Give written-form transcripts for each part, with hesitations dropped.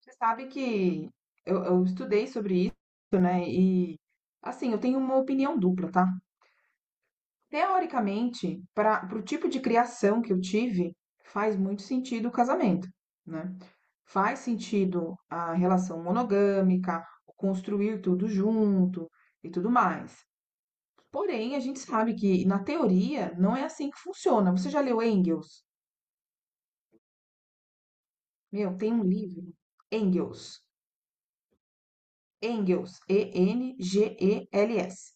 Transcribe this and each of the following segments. Você sabe que eu estudei sobre isso, né? E assim, eu tenho uma opinião dupla, tá? Teoricamente, para o tipo de criação que eu tive, faz muito sentido o casamento, né? Faz sentido a relação monogâmica, construir tudo junto e tudo mais. Porém, a gente sabe que na teoria não é assim que funciona. Você já leu Engels? Meu, tem um livro, Engels, Engels, ENGELS.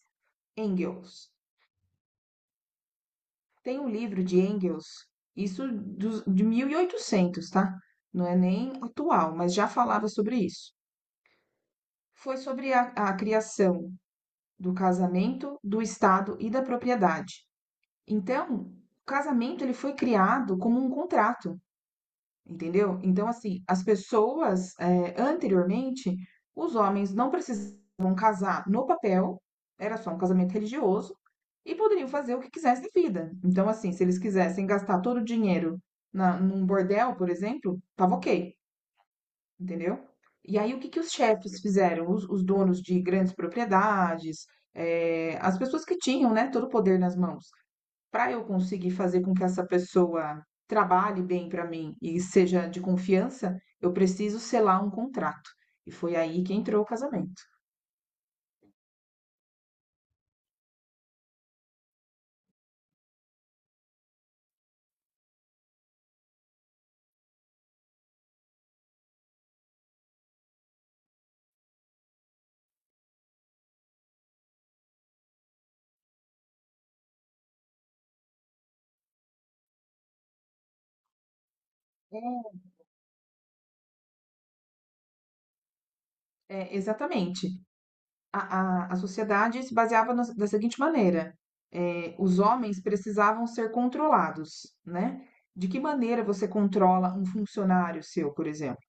Engels. Tem um livro de Engels, de 1800, tá? Não é nem atual, mas já falava sobre isso. Foi sobre a criação do casamento, do Estado e da propriedade. Então, o casamento ele foi criado como um contrato. Entendeu? Então, assim, as pessoas, anteriormente, os homens não precisavam casar no papel, era só um casamento religioso, e poderiam fazer o que quisessem da vida. Então, assim, se eles quisessem gastar todo o dinheiro num bordel, por exemplo, tava ok, entendeu? E aí, o que que os chefes fizeram? Os donos de grandes propriedades, as pessoas que tinham, né, todo o poder nas mãos. Para eu conseguir fazer com que essa pessoa trabalhe bem para mim e seja de confiança, eu preciso selar um contrato. E foi aí que entrou o casamento. É, é, exatamente. A sociedade se baseava da seguinte maneira: é, os homens precisavam ser controlados, né? De que maneira você controla um funcionário seu, por exemplo?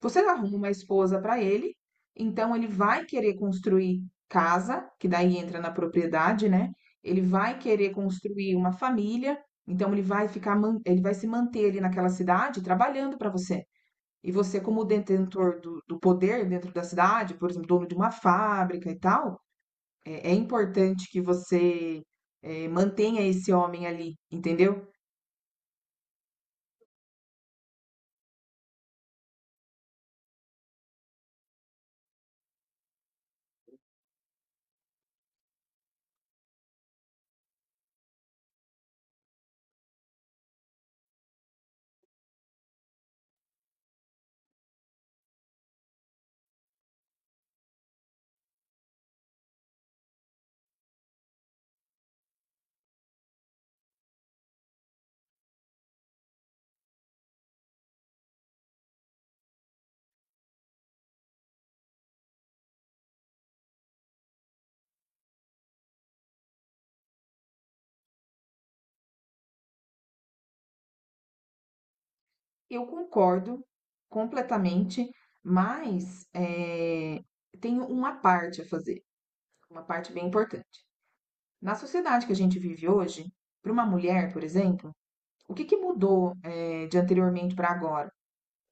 Você arruma uma esposa para ele, então ele vai querer construir casa, que daí entra na propriedade, né? Ele vai querer construir uma família, então ele vai ficar, ele vai se manter ali naquela cidade trabalhando para você. E você, como detentor do poder dentro da cidade, por exemplo, dono de uma fábrica e tal, é, é importante que você mantenha esse homem ali, entendeu? Eu concordo completamente, mas tenho uma parte a fazer, uma parte bem importante. Na sociedade que a gente vive hoje, para uma mulher, por exemplo, o que que mudou de anteriormente para agora?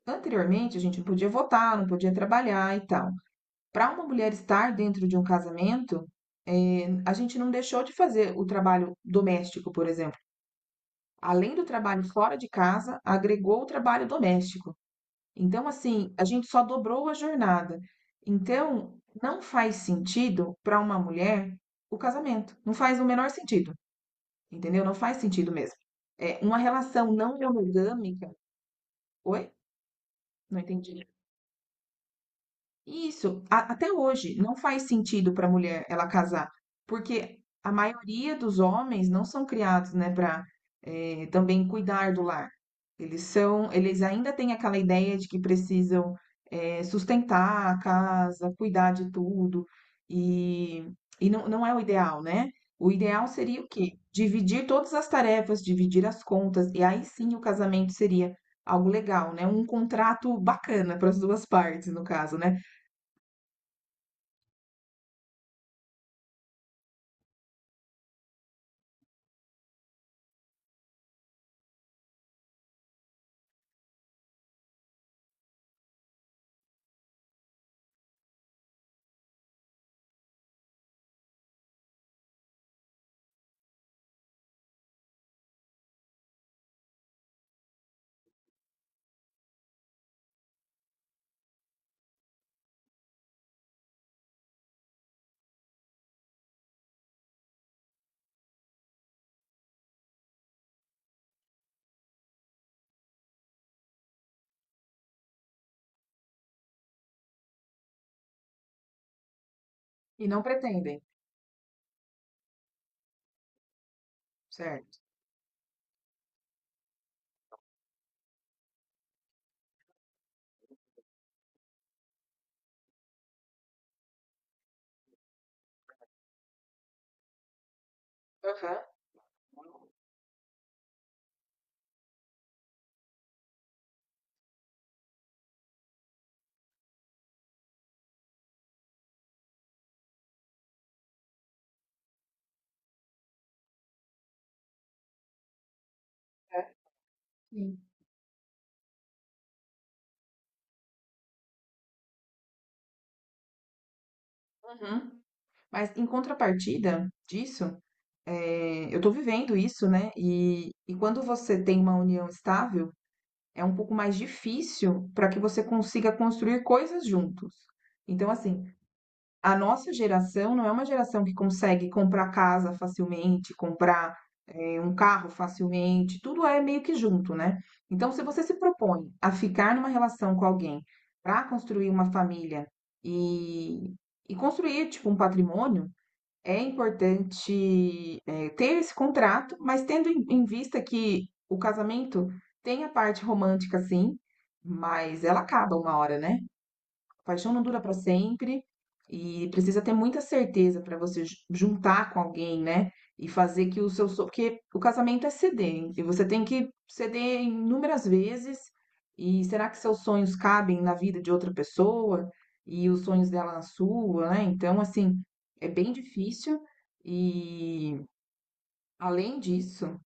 Anteriormente, a gente não podia votar, não podia trabalhar e tal. Para uma mulher estar dentro de um casamento, a gente não deixou de fazer o trabalho doméstico, por exemplo. Além do trabalho fora de casa, agregou o trabalho doméstico. Então, assim, a gente só dobrou a jornada. Então, não faz sentido para uma mulher o casamento. Não faz o menor sentido, entendeu? Não faz sentido mesmo. É uma relação não monogâmica. Oi? Não entendi. Isso, até hoje não faz sentido para a mulher ela casar, porque a maioria dos homens não são criados, né, para também cuidar do lar. Eles são, eles ainda têm aquela ideia de que precisam sustentar a casa, cuidar de tudo, e, e não, não é o ideal, né? O ideal seria o quê? Dividir todas as tarefas, dividir as contas, e aí sim o casamento seria algo legal, né? Um contrato bacana para as duas partes, no caso, né? E não pretendem, certo? Aham, é. Sim. Uhum. Mas em contrapartida disso, eu estou vivendo isso, né? E quando você tem uma união estável, é um pouco mais difícil para que você consiga construir coisas juntos. Então, assim, a nossa geração não é uma geração que consegue comprar casa facilmente, comprar, um carro facilmente, tudo é meio que junto, né. Então se você se propõe a ficar numa relação com alguém para construir uma família e e construir, tipo, um patrimônio, é importante, ter esse contrato, mas tendo em vista que o casamento tem a parte romântica sim, mas ela acaba uma hora, né. Paixão não dura para sempre e precisa ter muita certeza para você juntar com alguém, né? E fazer que o seu. Porque o casamento é ceder, e você tem que ceder inúmeras vezes. E será que seus sonhos cabem na vida de outra pessoa e os sonhos dela na sua, né? Então, assim, é bem difícil. E além disso,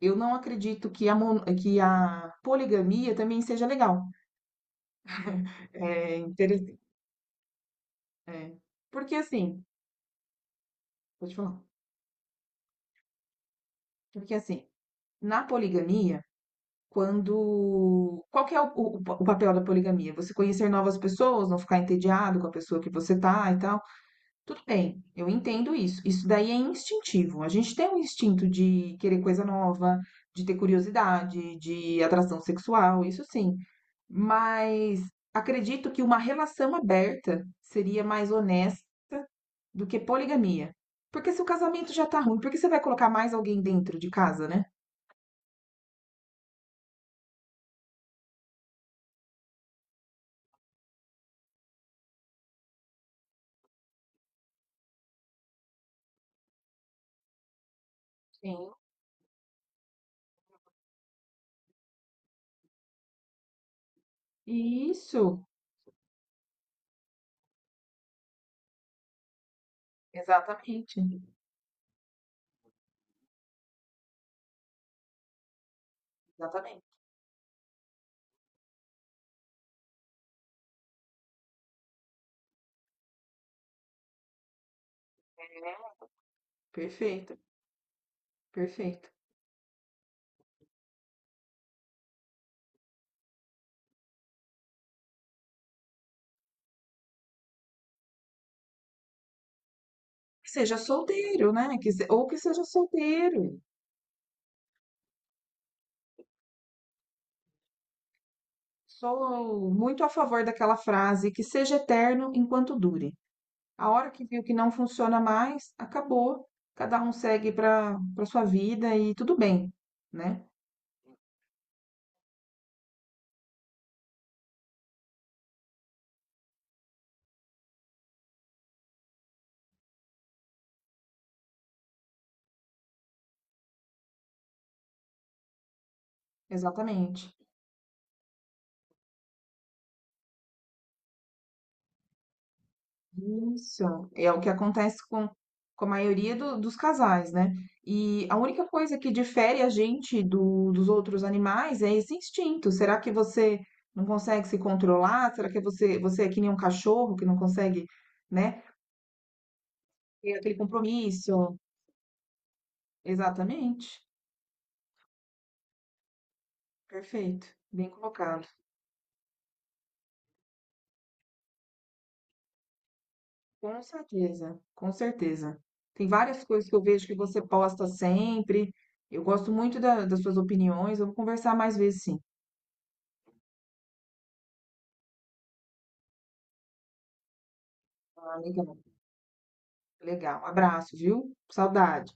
eu não acredito que que a poligamia também seja legal. É interessante. É. Porque assim, pode falar. Porque assim, na poligamia, quando. Qual que é o, o papel da poligamia? Você conhecer novas pessoas, não ficar entediado com a pessoa que você tá e tal. Tudo bem, eu entendo isso. Isso daí é instintivo. A gente tem um instinto de querer coisa nova, de ter curiosidade, de atração sexual, isso sim. Mas acredito que uma relação aberta seria mais honesta do que poligamia. Porque se o casamento já tá ruim, por que você vai colocar mais alguém dentro de casa, né? Sim. Isso, exatamente, exatamente. É. Perfeito, perfeito. Que seja solteiro, né? Que se- Ou que seja solteiro. Sou muito a favor daquela frase, que seja eterno enquanto dure. A hora que viu que não funciona mais, acabou. Cada um segue para para sua vida e tudo bem, né? Exatamente. Isso, é o que acontece com a maioria dos casais, né? E a única coisa que difere a gente dos outros animais é esse instinto. Será que você não consegue se controlar? Será que você, você é que nem um cachorro que não consegue, né, ter aquele compromisso? Exatamente. Perfeito. Bem colocado. Com certeza, com certeza. Tem várias coisas que eu vejo que você posta sempre. Eu gosto muito das suas opiniões. Vamos conversar mais vezes, sim. Ah, legal. Legal. Um abraço, viu? Saudade.